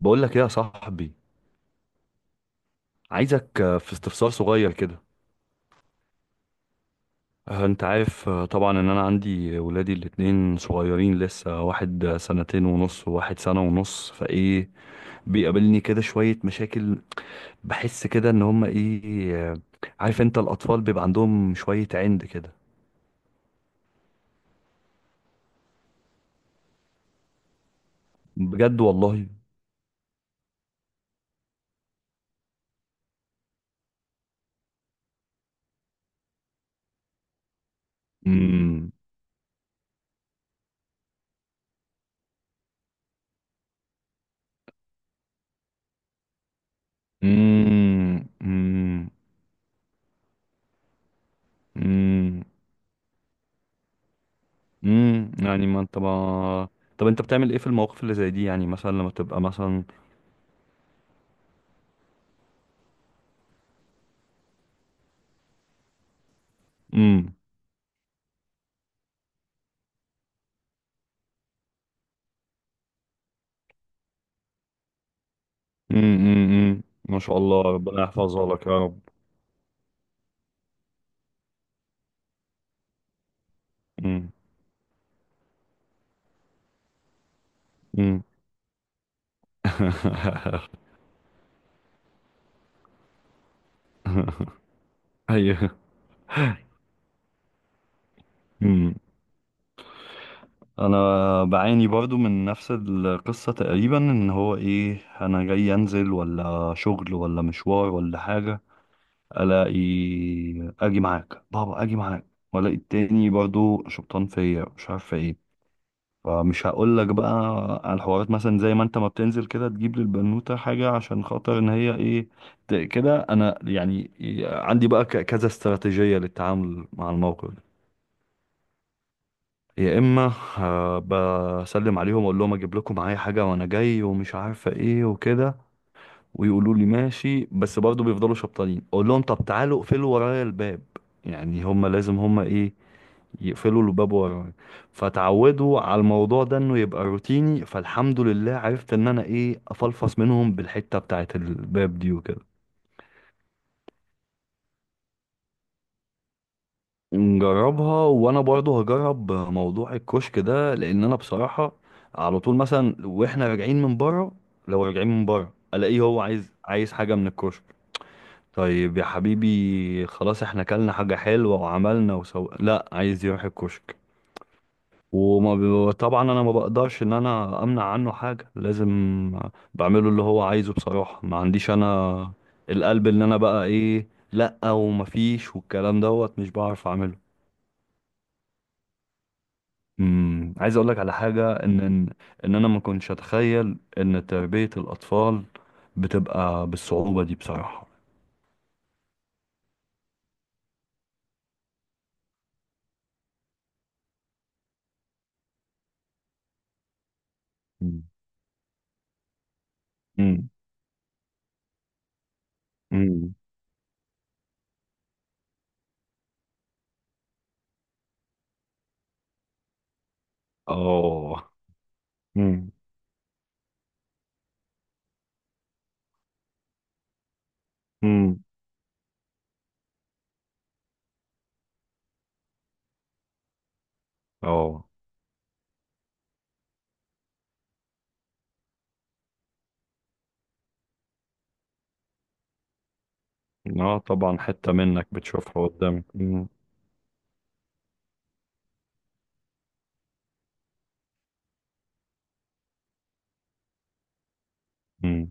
بقول لك ايه يا صاحبي؟ عايزك، في استفسار صغير كده. انت عارف، طبعا ان انا عندي ولادي الاتنين صغيرين لسه، واحد سنتين ونص وواحد سنة ونص فايه. بيقابلني كده شوية مشاكل. بحس كده ان هما ايه عارف انت الاطفال بيبقى عندهم شوية عند كده. بجد والله. امم، امم. امم، امم. امم. يعني ما انت ما طب انت بتعمل ايه في المواقف اللي زي دي؟ يعني مثلا لما تبقى مثلا. مم. امم. ما شاء الله، ربنا يحفظها لك يا رب. امم، امم. ايوه. امم. انا بعاني برضو من نفس القصة تقريبا، ان هو ايه، انا جاي انزل ولا شغل ولا مشوار ولا حاجة، الاقي اجي معاك بابا، اجي معاك، والاقي التاني برضو شبطان فيا مش عارف ايه. فمش هقول لك بقى على الحوارات، مثلا زي ما انت ما بتنزل كده تجيب للبنوتة حاجة عشان خاطر ان هي ايه، كده انا يعني عندي بقى كذا استراتيجية للتعامل مع الموقف ده. يا اما بسلم عليهم، اقول لهم اجيب لكم معايا حاجة وانا جاي ومش عارفة ايه وكده، ويقولوا لي ماشي، بس برضه بيفضلوا شبطانين، اقول لهم طب تعالوا اقفلوا ورايا الباب. يعني هما لازم هما ايه، يقفلوا الباب ورايا. فتعودوا على الموضوع ده انه يبقى روتيني، فالحمد لله عرفت ان انا ايه، افلفص منهم بالحتة بتاعت الباب دي وكده. نجربها، وانا برضو هجرب موضوع الكشك ده، لان انا بصراحة على طول مثلا واحنا راجعين من بره، لو راجعين من بره الاقيه هو عايز حاجة من الكشك. طيب يا حبيبي خلاص، احنا كلنا حاجة حلوة وعملنا وسو، لا عايز يروح الكشك. وما طبعا انا ما بقدرش ان انا امنع عنه حاجة، لازم بعمله اللي هو عايزه بصراحة. ما عنديش انا القلب اللي انا بقى ايه، لا ومفيش والكلام دوت، مش بعرف اعمله. عايز اقولك على حاجة، ان ان إن انا ما كنتش اتخيل ان تربية الاطفال بتبقى بالصعوبة دي بصراحة. مم. مم. مم. اه. مم. مم. اه. اه طبعا، حتة منك بتشوفها قدامك. مم. مم.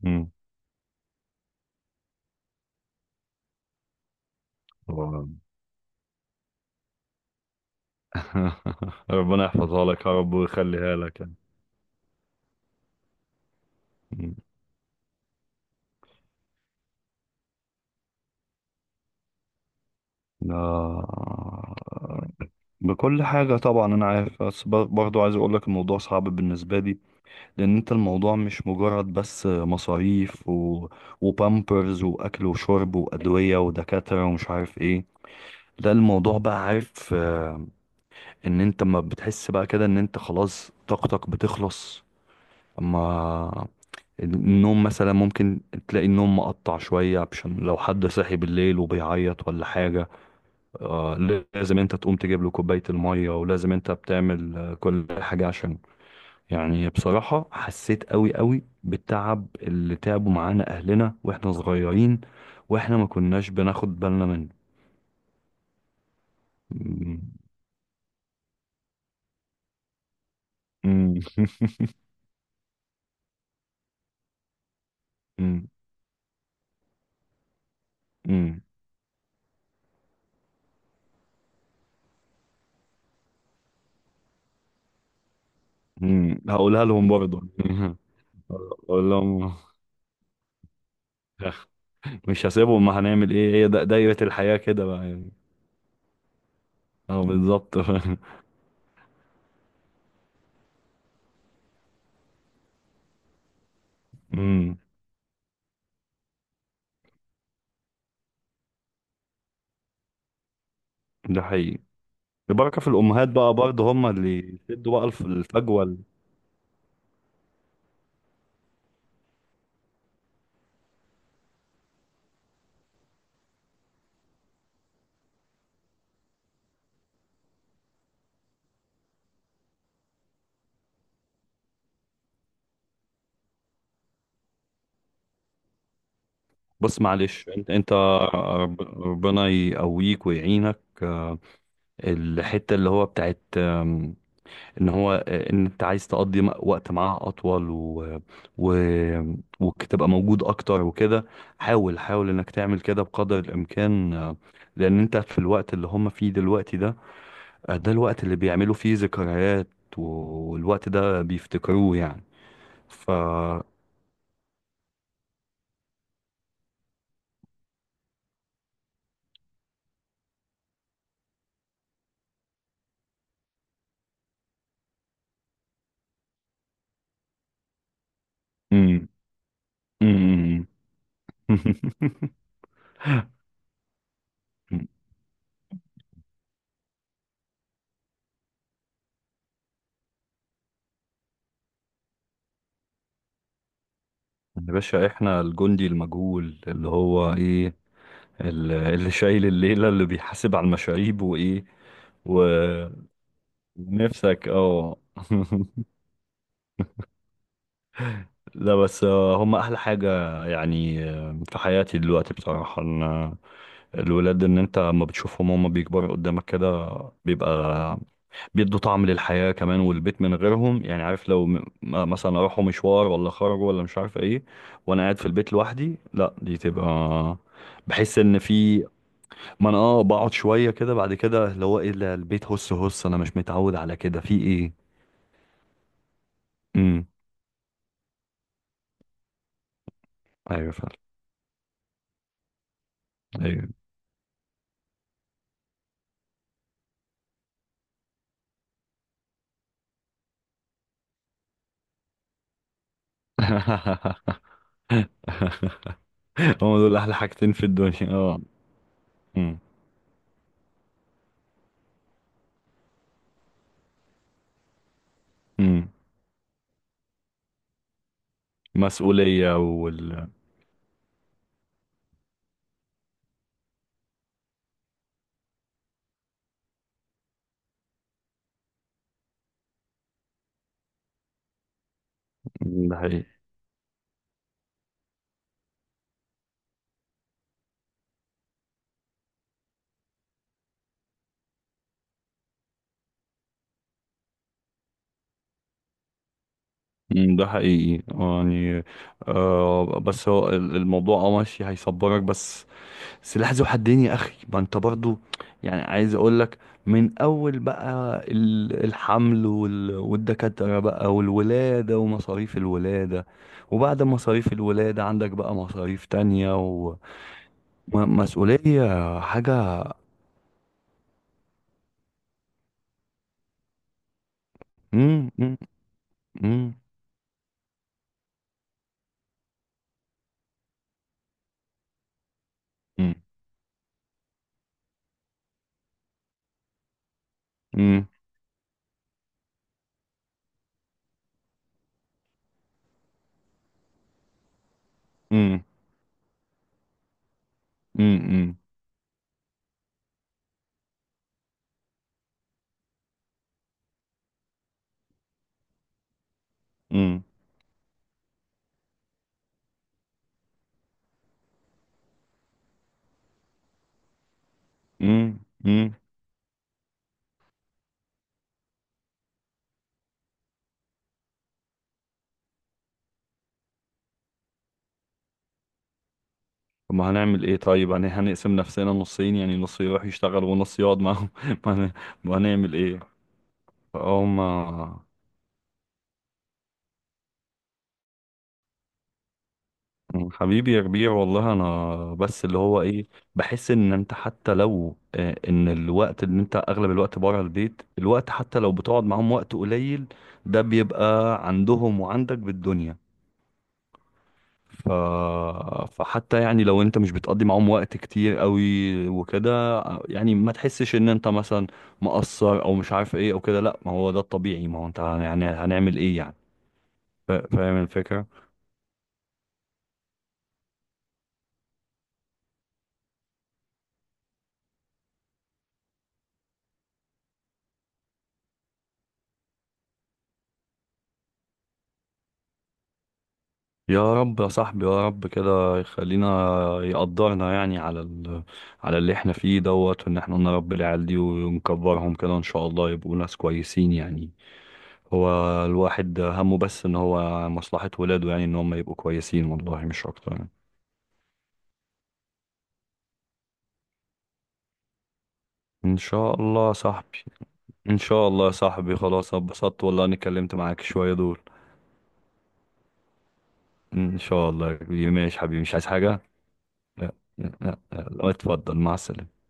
مم. طبعاً. ربنا يحفظها لك يا رب ويخليها لك يعني. م. آه. بكل حاجة طبعا أنا عارف، بس برضو عايز أقولك الموضوع صعب بالنسبة لي، لأن أنت الموضوع مش مجرد بس مصاريف و... وبامبرز وأكل وشرب وأدوية ودكاترة ومش عارف إيه. ده الموضوع بقى، عارف آه، إن أنت ما بتحس بقى كده إن أنت خلاص طاقتك بتخلص. أما النوم مثلا، ممكن تلاقي النوم مقطع شوية، عشان لو حد صاحي بالليل وبيعيط ولا حاجة. آه لازم انت تقوم تجيب له كوباية المية، ولازم انت بتعمل كل حاجة عشان. يعني بصراحة حسيت قوي قوي بالتعب اللي تعبوا معانا اهلنا واحنا صغيرين، واحنا ما كناش بناخد بالنا منه. مم. مم. مم. مم. مم. هقولها لهم برضه. اقول لهم مش هسيبهم، ما هنعمل ايه، هي دايرة الحياة كده بقى يعني. اه بالظبط. امم. ده حقيقي. البركه في الامهات بقى برضه، هم اللي يسدوا بقى الفجوه بص معلش، انت ربنا يقويك ويعينك. الحته اللي هو بتاعت ان هو ان انت عايز تقضي وقت معاه اطول و... و... وتبقى موجود اكتر وكده. حاول حاول انك تعمل كده بقدر الامكان، لان انت في الوقت اللي هم فيه دلوقتي ده، ده الوقت اللي بيعملوا فيه ذكريات، والوقت ده بيفتكروه يعني. ف مم. مم. يا باشا، احنا الجندي المجهول اللي هو ايه، اللي شايل الليلة، اللي بيحاسب على المشاريب وايه و- ونفسك اه. لا بس هم احلى حاجة يعني، في حياتي دلوقتي بصراحة ان الولاد، ان انت لما بتشوفهم هم بيكبروا قدامك كده، بيبقى بيدوا طعم للحياة كمان. والبيت من غيرهم، يعني عارف لو مثلا راحوا مشوار ولا خرجوا ولا مش عارف ايه وانا قاعد في البيت لوحدي، لا دي تبقى. بحس ان في، ما انا اه بقعد شوية كده، بعد كده اللي هو ايه، ده البيت، هس هس، انا مش متعود على كده في ايه. امم. ايوه فعلا. ايوه. هما دول احلى حاجتين في الدنيا اه. امم، امم. مسؤولية وال ده حقيقي. مم، ده حقيقي يعني آه، بس هو الموضوع اه ماشي، هيصبرك بس سلاح ذو حدين يا اخي. ما انت برضو يعني عايز اقول لك، من اول بقى الحمل والدكاترة بقى والولادة ومصاريف الولادة، وبعد مصاريف الولادة عندك بقى مصاريف تانية ومسؤولية حاجة. مم. مم. مم. مم. مم. مم. مم. مم. مم. مم. طب ما هنعمل ايه؟ طيب يعني هنقسم نفسنا نصين، يعني نص يروح يشتغل ونص يقعد معاهم. ما هن- ما هنعمل ايه. فهم. حبيبي يا ربيع، والله انا بس اللي هو ايه، بحس ان انت حتى لو ان الوقت اللي انت اغلب الوقت بره البيت، الوقت حتى لو بتقعد معاهم وقت قليل، ده بيبقى عندهم وعندك بالدنيا. ف... فحتى يعني لو انت مش بتقضي معاهم وقت كتير قوي وكده، يعني ما تحسش ان انت مثلا مقصر او مش عارف ايه او كده. لا، ما هو ده الطبيعي، ما هو انت يعني هنعمل ايه يعني. فاهم الفكرة. يا رب يا صاحبي، يا رب كده يخلينا يقدرنا يعني على ال... على اللي احنا فيه دوت، وان احنا نربي العيال دي ونكبرهم كده ان شاء الله يبقوا ناس كويسين يعني. هو الواحد همه بس ان هو مصلحة ولاده، يعني ان هم يبقوا كويسين والله مش اكتر يعني. ان شاء الله يا صاحبي. ان شاء الله يا صاحبي، خلاص اتبسطت والله اني اتكلمت معاك شوية دول. ان شاء الله يا كبير. ماشي حبيبي، مش عايز حاجة. لا. لا لا لا. اتفضل مع السلامة.